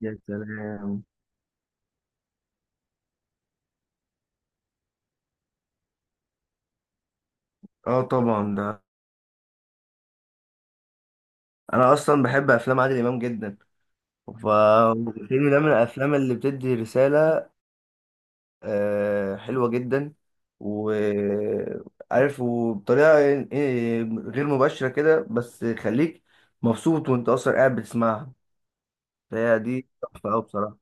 يا سلام. اه طبعا، ده انا اصلا بحب افلام عادل امام جدا. فالفيلم ده من الافلام اللي بتدي رساله حلوه جدا. وعارف وبطريقه غير مباشره كده بس خليك مبسوط وانت اصلا قاعد بتسمعها. فهي دي تحفه أوي بصراحه.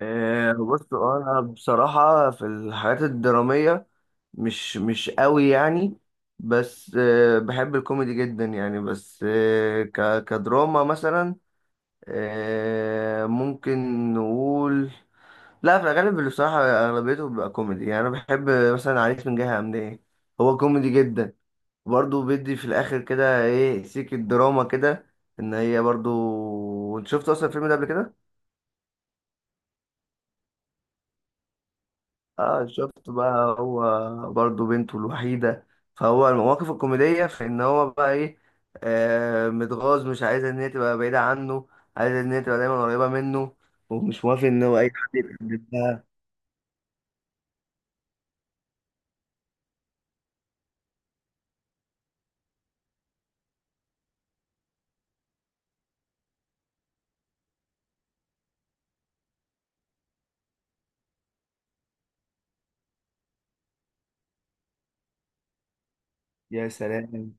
بص انا بصراحة في الحاجات الدرامية مش قوي يعني. بس بحب الكوميدي جدا يعني. بس كدراما مثلا ممكن نقول. لا، في الغالب اللي بصراحة أغلبيته بيبقى كوميدي يعني، أنا بحب مثلا عريس من جهة أمنية. هو كوميدي جدا. برضه بيدي في الآخر كده إيه سيكة دراما كده، إن هي برضه. أنت شفت أصلا الفيلم ده قبل كده؟ اه شفت بقى. هو برضه بنته الوحيدة. فهو المواقف الكوميدية في ان هو بقى ايه متغاظ مش عايز ان هي تبقى بعيدة عنه. عايز ان هي تبقى دايما قريبة منه ومش موافق ان هو اي حد يتقرب. يا سلام.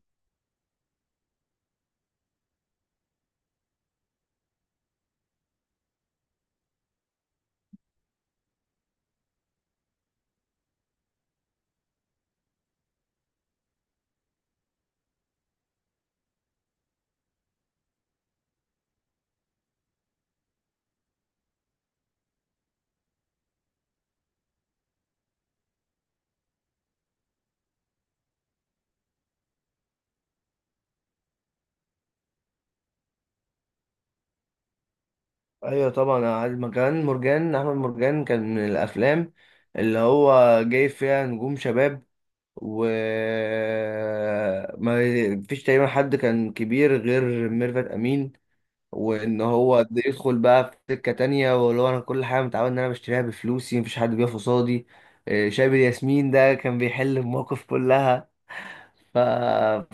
ايوه طبعا، أنا عارف مكان مرجان احمد مرجان كان من الافلام اللي هو جايب فيها نجوم شباب. و ما فيش تقريبا حد كان كبير غير ميرفت امين. وان هو ده يدخل بقى في سكه تانية واللي هو انا كل حاجه متعود ان انا بشتريها بفلوسي مفيش حد بيقف قصادي. شايب الياسمين ده كان بيحل المواقف كلها. ف...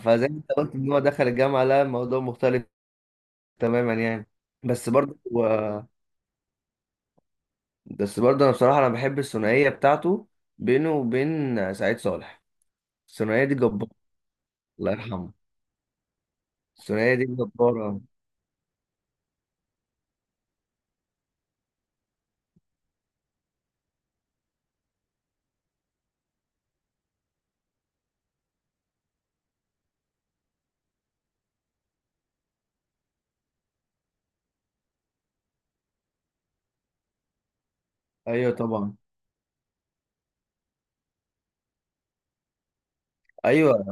فزي ما انت قلت ان هو دخل الجامعه لا الموضوع مختلف تماما يعني. بس برضه هو- بس برضه انا بصراحه بحب الثنائيه بتاعته بينه وبين سعيد صالح. الثنائيه دي جباره. الله يرحمه. الثنائيه دي جباره. ايوه طبعا. ايوه.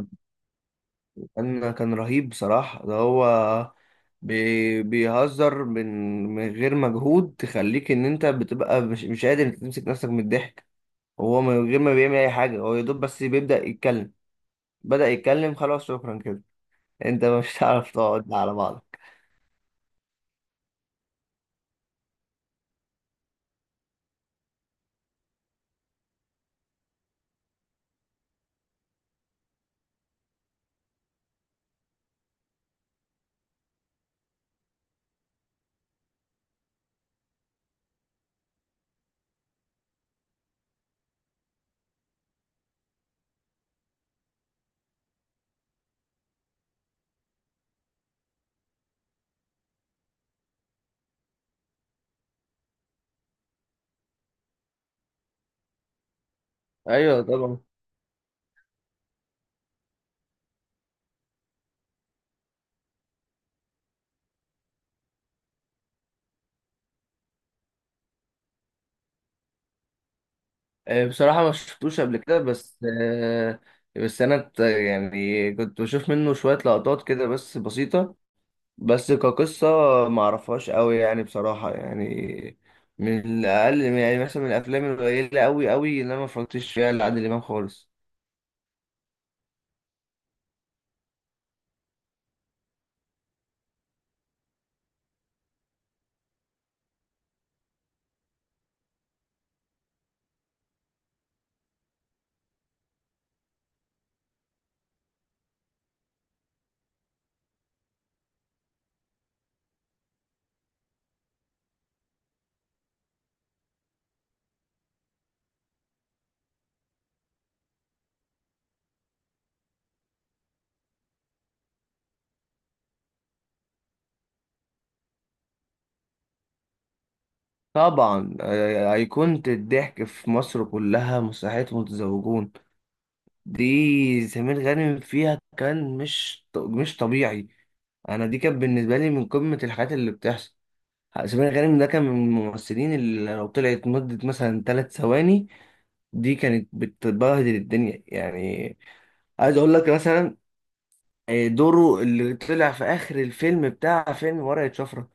كان رهيب بصراحة. ده هو بيهزر من غير مجهود تخليك ان انت بتبقى مش قادر تمسك نفسك من الضحك. هو من غير ما بيعمل اي حاجة هو يا دوب بس بيبدأ يتكلم. بدأ يتكلم خلاص شكرا كده. انت مش هتعرف تقعد على بعضك. ايوه طبعا. بصراحة ما شفتوش قبل كده بس. بس انا يعني كنت بشوف منه شوية لقطات كده بس بسيطة. بس كقصة ما اعرفهاش قوي يعني بصراحة يعني. من الاقل يعني مثلا من الافلام القليلة قوي قوي اللي انا ما اتفرجتش فيها لعادل امام خالص. طبعا، ايقونة الضحك في مصر كلها مسرحية متزوجون. دي سمير غانم فيها كان مش طبيعي. انا دي كانت بالنسبة لي من قمة الحاجات اللي بتحصل. سمير غانم ده كان من الممثلين اللي لو طلعت مدة مثلا ثلاث ثواني دي كانت بتبهدل الدنيا يعني. عايز اقول لك مثلا دوره اللي طلع في اخر الفيلم بتاع فيلم ورقة شفرة.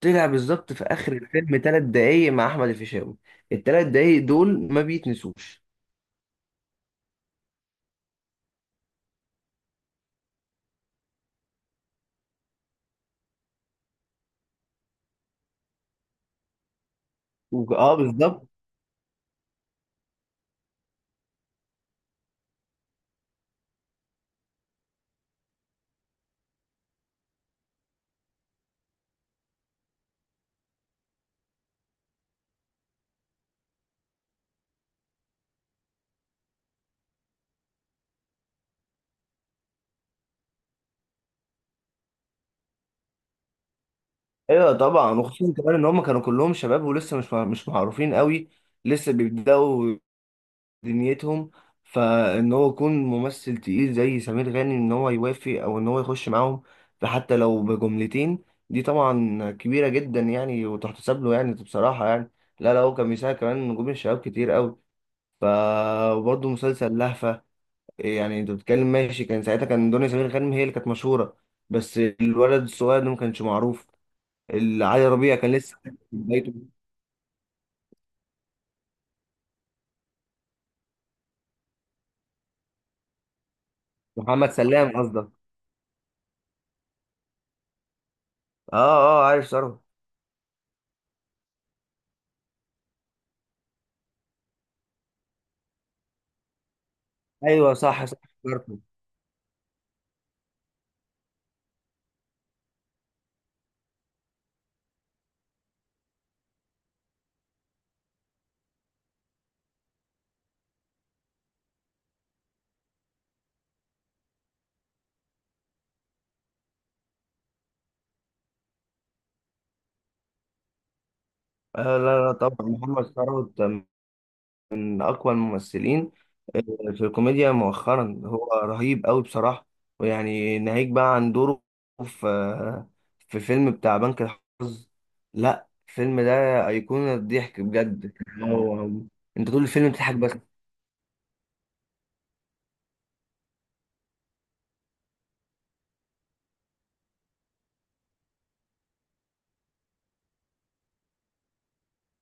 طلع بالظبط في اخر الفيلم ثلاث دقايق مع احمد الفيشاوي. الثلاث دقايق دول ما بيتنسوش. اه بالظبط. ايوه طبعا وخصوصا كمان ان هم كانوا كلهم شباب ولسه مش معروفين قوي. لسه بيبداوا دنيتهم. فان هو يكون ممثل تقيل زي سمير غانم ان هو يوافق او ان هو يخش معاهم فحتى لو بجملتين دي طبعا كبيره جدا يعني وتحتسب له يعني بصراحه يعني. لا لا، هو كان بيساعد كمان نجوم الشباب كتير قوي. ف وبرضه مسلسل لهفه. يعني انت بتتكلم ماشي، كان ساعتها كان دنيا سمير غانم هي اللي كانت مشهوره. بس الولد الصغير ده ما كانش معروف. علي ربيع كان لسه في بدايته. محمد سلام قصدك. اه. اه، عارف ثروت. ايوه صح صح افتكرته. آه، لا لا، طبعا محمد ثروت من أقوى الممثلين آه، في الكوميديا مؤخرا. هو رهيب قوي بصراحة. ويعني ناهيك بقى عن دوره في آه، في فيلم بتاع بنك الحظ. لا الفيلم ده أيقونة الضحك بجد. هو أنت طول الفيلم بتضحك بس.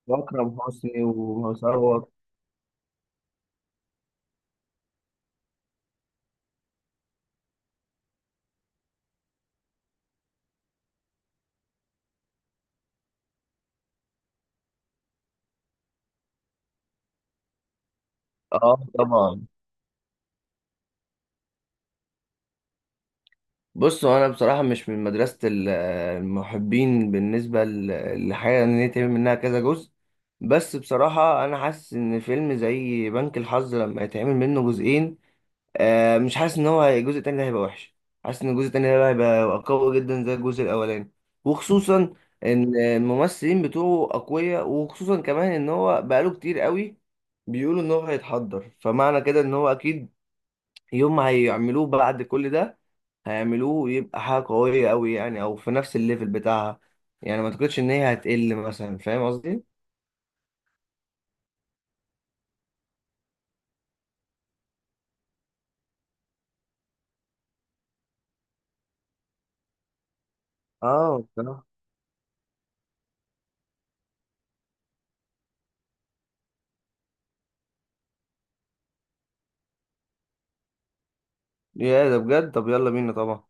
وأكرم حسني وثروت. اه طبعا. بص هو انا بصراحه مش من مدرسه المحبين بالنسبه لحاجه ان هي تعمل منها كذا جزء. بس بصراحه انا حاسس ان فيلم زي بنك الحظ لما يتعمل منه جزئين مش حاسس ان هو الجزء التاني ده هيبقى وحش. حاسس ان الجزء التاني ده هيبقى قوي جدا زي الجزء الاولاني. وخصوصا ان الممثلين بتوعه اقوياء وخصوصا كمان ان هو بقاله كتير قوي بيقولوا ان هو هيتحضر، فمعنى كده ان هو اكيد يوم ما هيعملوه بعد كل ده هيعملوه يبقى حاجة قوية أوي يعني، أو في نفس الليفل بتاعها. يعني ما أعتقدش إن هي هتقل مثلا. فاهم قصدي؟ اه بصراحة. يا ده بجد. طب يلا بينا طبعا.